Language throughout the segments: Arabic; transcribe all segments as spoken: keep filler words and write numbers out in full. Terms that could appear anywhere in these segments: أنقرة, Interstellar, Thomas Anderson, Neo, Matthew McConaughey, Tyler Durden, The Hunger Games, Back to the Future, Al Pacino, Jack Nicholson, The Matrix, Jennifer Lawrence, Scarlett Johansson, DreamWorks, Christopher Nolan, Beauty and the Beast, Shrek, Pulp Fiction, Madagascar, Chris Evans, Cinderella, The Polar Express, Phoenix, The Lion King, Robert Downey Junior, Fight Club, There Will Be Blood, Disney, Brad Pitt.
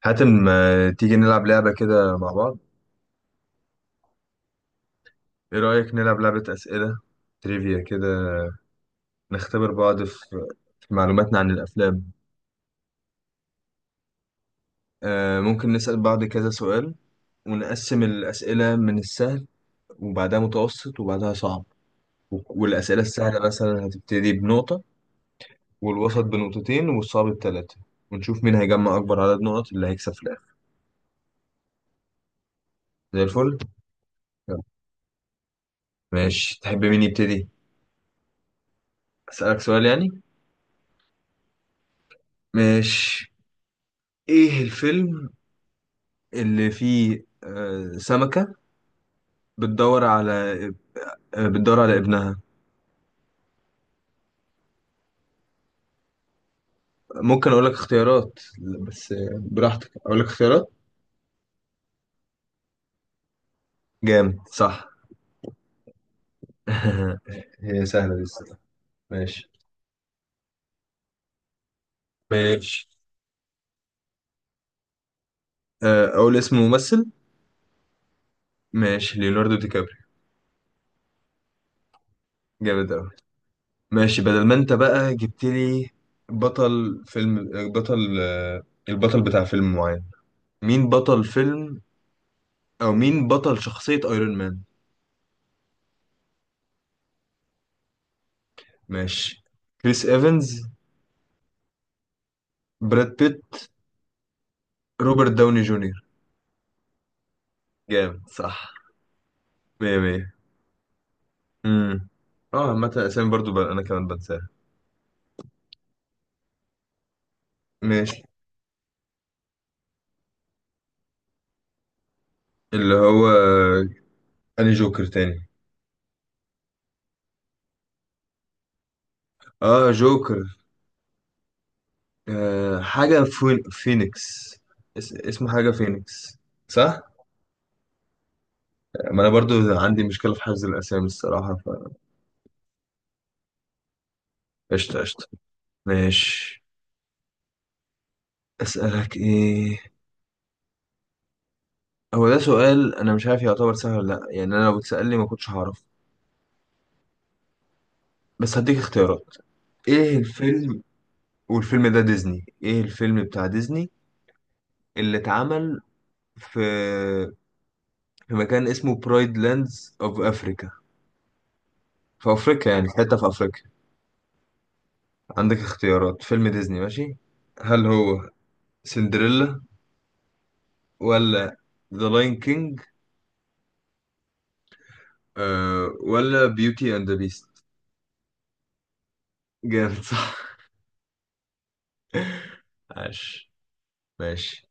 حاتم، ما تيجي نلعب لعبة كده مع بعض؟ ايه رأيك نلعب لعبة أسئلة تريفيا كده؟ نختبر بعض في في معلوماتنا عن الأفلام. آه ممكن نسأل بعض كذا سؤال، ونقسم الأسئلة من السهل وبعدها متوسط وبعدها صعب. و- والأسئلة السهلة مثلا هتبتدي بنقطة، والوسط بنقطتين والصعب بثلاثة. ونشوف مين هيجمع أكبر عدد نقط، اللي هيكسب في الآخر. زي الفل. يلا. ماشي، تحب مين يبتدي؟ أسألك سؤال يعني؟ ماشي. ايه الفيلم اللي فيه آه، سمكة بتدور على آه، بتدور على ابنها؟ ممكن أقول لك اختيارات؟ بس آه، براحتك، أقول لك اختيارات. جامد، صح؟ هي سهلة دي الصراحة. ماشي. ماشي آه، أقول اسم ممثل. ماشي، ليوناردو دي كابريو. جامد أوي. ماشي، بدل ما أنت بقى جبت لي بطل فيلم، بطل آه، البطل بتاع فيلم معين. مين بطل فيلم، أو مين بطل شخصية أيرون مان؟ ماشي. كريس إيفنز؟ براد بيت؟ روبرت داوني جونيور؟ جامد، صح. مية مية. امم اه عامة اسامي برضو بقى انا كمان بنساها. ماشي. اللي هو اني جوكر تاني؟ اه جوكر. آه، حاجة فين... فينيكس. اس... اسمه حاجة فينيكس، صح؟ ما انا برضو عندي مشكلة في حفظ الاسامي الصراحة، فقشطة. قشطة قشطة. ماشي. اسألك ايه؟ هو ده سؤال انا مش عارف يعتبر سهل ولا لا، يعني انا لو اتسأل لي ما كنتش هعرف. بس هديك اختيارات. ايه الفيلم، والفيلم ده ديزني، ايه الفيلم بتاع ديزني اللي اتعمل في في مكان اسمه برايد لاندز اوف افريكا، في افريقيا، يعني في حته في افريقيا؟ عندك اختيارات، فيلم ديزني. ماشي. هل هو سندريلا، ولا ذا لاين كينج، ولا بيوتي اند ذا بيست؟ جامد، صح. عاش. ماشي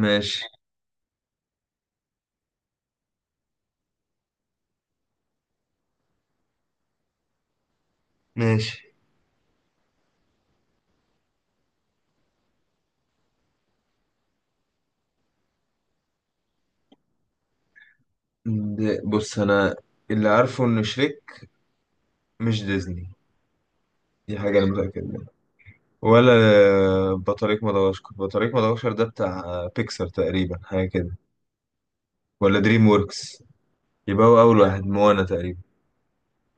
ماشي ماشي. ده- بص انا اللي عارفه ان شريك مش ديزني، دي حاجه انا متاكد. ولا بطريق مدغشقر بطريق مدغشقر، ده بتاع بيكسر تقريبا، حاجة كده، ولا دريم ووركس. يبقى هو أول واحد موانا تقريبا،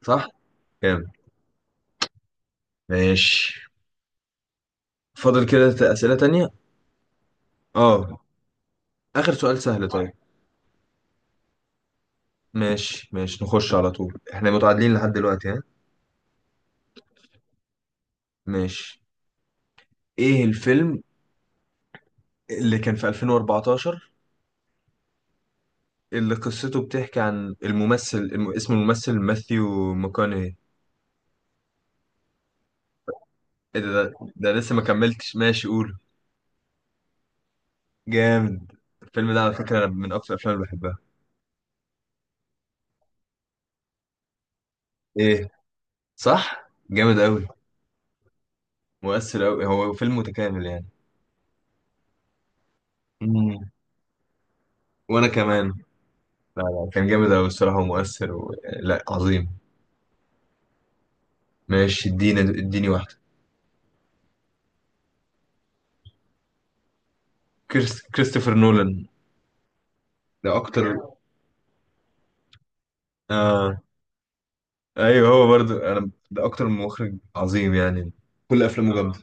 صح؟ جامد. ماشي. فاضل كده ت- أسئلة تانية؟ اه. آخر سؤال سهل طيب. ماشي ماشي نخش على طول، احنا متعادلين لحد دلوقتي، ها؟ ماشي. ايه الفيلم اللي كان في ألفين وأربعة عشر، اللي قصته بتحكي عن الممثل الم... اسم الممثل ماثيو ماكونهي؟ ايه ده؟ ده ده لسه ما كملتش، ماشي قول. جامد. الفيلم ده على فكرة أنا من أكتر الأفلام اللي بحبها. إيه، صح؟ جامد أوي. مؤثر أوي، هو فيلم متكامل يعني. مم. وأنا كمان. لا لا، كان جامد أوي الصراحة ومؤثر و... لا عظيم. ماشي، اديني اديني واحدة. كريس... كريستوفر نولان. ده أكتر. آه أيوه، هو برضو أنا ده أكتر مخرج عظيم يعني، كل أفلامه جامدة.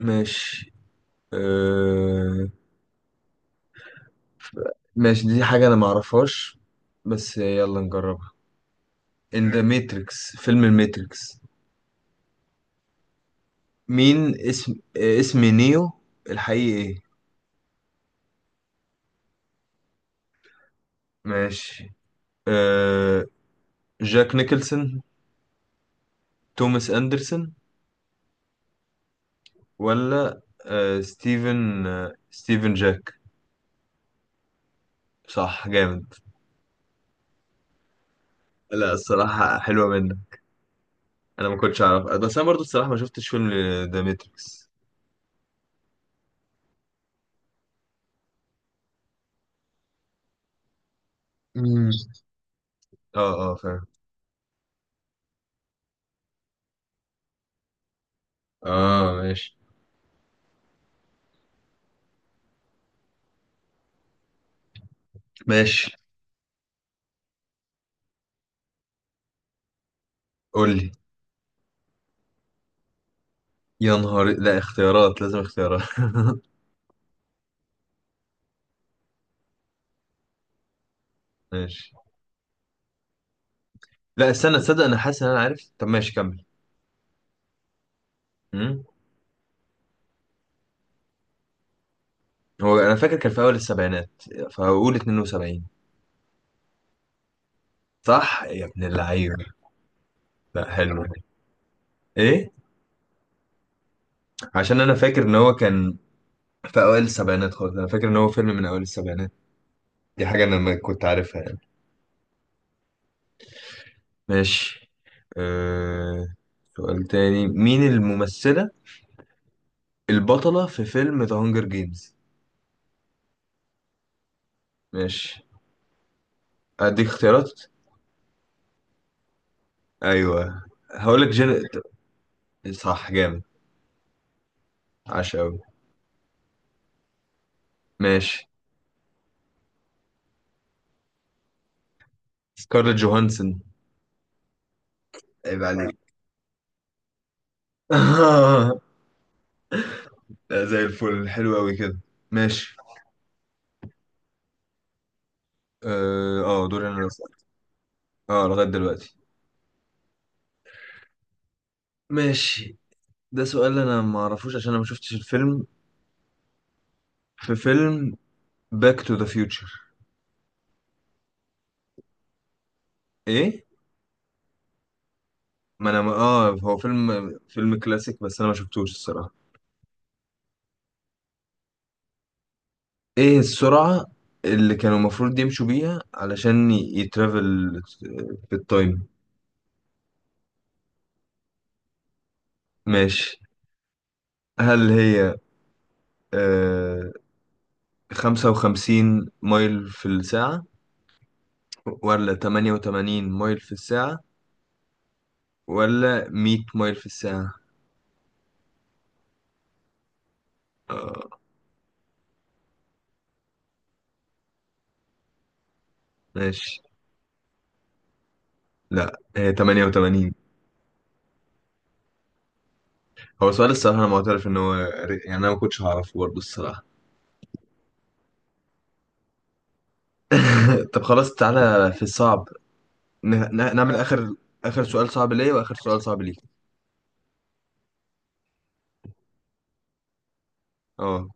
ماشي. آه... ماشي، دي حاجة أنا معرفهاش، بس يلا نجرب. ان ذا ماتريكس، فيلم الماتريكس، مين اسم آه، اسم نيو الحقيقي ايه؟ ماشي. أه... جاك نيكلسون؟ توماس اندرسون؟ ولا أه... ستيفن أه... ستيفن جاك؟ صح، جامد. لا الصراحة حلوة منك، انا ما كنتش اعرف، بس انا برضو الصراحة ما شفتش فيلم ذا ماتريكس. مم. اه اه، فاهم. اه ماشي. ماشي قول لي. يا نهار، لا اختيارات، لازم اختيارات. ماشي. لا استنى، تصدق انا حاسس ان انا عارف؟ طب ماشي كمل. مم. هو انا فاكر كان في اول السبعينات، فهقول اتنين وسبعين. صح يا ابن اللعيبه. لا حلو. ايه؟ عشان انا فاكر ان هو كان في اوائل السبعينات خالص، انا فاكر ان هو فيلم من اوائل السبعينات. دي حاجه انا ما كنت عارفها يعني. ماشي. أه... سؤال تاني. مين الممثله البطله في فيلم ذا هانجر جيمز؟ ماشي، اديك اختيارات. ايوه، هقولك جن. صح، جامد. عاش قوي. ماشي. سكارلت جوهانسون. عيب عليك. لا زي الفل، حلو قوي كده. ماشي. اه آه، دوري انا اللي أسأل. اه لغايه دلوقتي. ماشي. ده سؤال انا ما اعرفوش عشان انا ما شفتش الفيلم. في فيلم باك تو ذا فيوتشر. ايه، ما انا ما اه، هو فيلم فيلم كلاسيك، بس انا ما شفتوش الصراحه. ايه السرعه اللي كانوا المفروض يمشوا بيها علشان ي- يترافل في التايم؟ ماشي، هل هي آه خمسة وخمسين مايل في الساعه، ولا ثمانية وثمانين مايل في الساعه، ولا مية مايل في الساعة؟ آه ماشي، لا هي ثمانية وثمانين. هو سؤال الصراحة أنا معترف إن هو ر- يعني أنا ما كنتش هعرفه برضه الصراحة. طب خلاص، تعالى في الصعب. ن- ن- نعمل آخر، آخر سؤال صعب ليا وآخر سؤال صعب ليك. اه.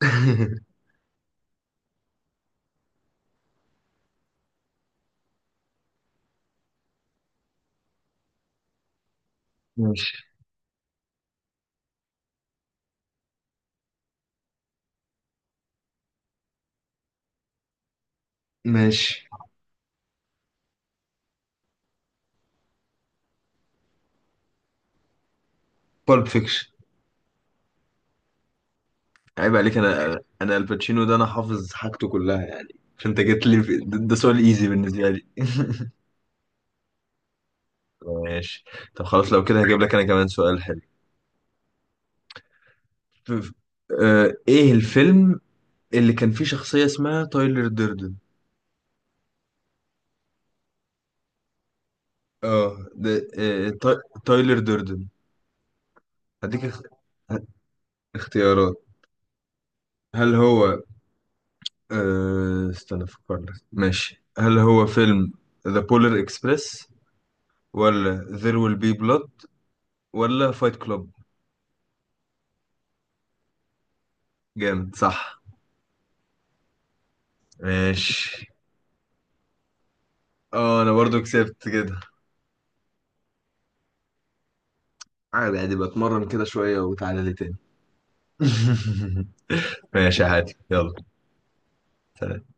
ماشي. ماشي. بالب فيكشن. عيب عليك، أنا أنا الباتشينو ده أنا حافظ حاجته كلها يعني، فأنت جيت لي في... ده ده سؤال إيزي بالنسبة لي. ماشي. طب خلاص، لو كده هجيب لك أنا كمان سؤال حلو. آه، ايه الفيلم اللي كان فيه شخصية اسمها تايلر ديردن؟ اه ده، آه، تا- تايلر ديردن. هديك اخ- اختيارات. هل هو آه، استنى افكر لك ماشي هل هو فيلم ذا بولر اكسبريس، ولا There Will Be Blood، ولا فايت كلوب؟ جامد صح. ماشي. اه انا برضو كسبت كده. عادي عادي، بتمرن كده شوية وتعالى لي تاني. ماشي، عادي، يلا. سلام.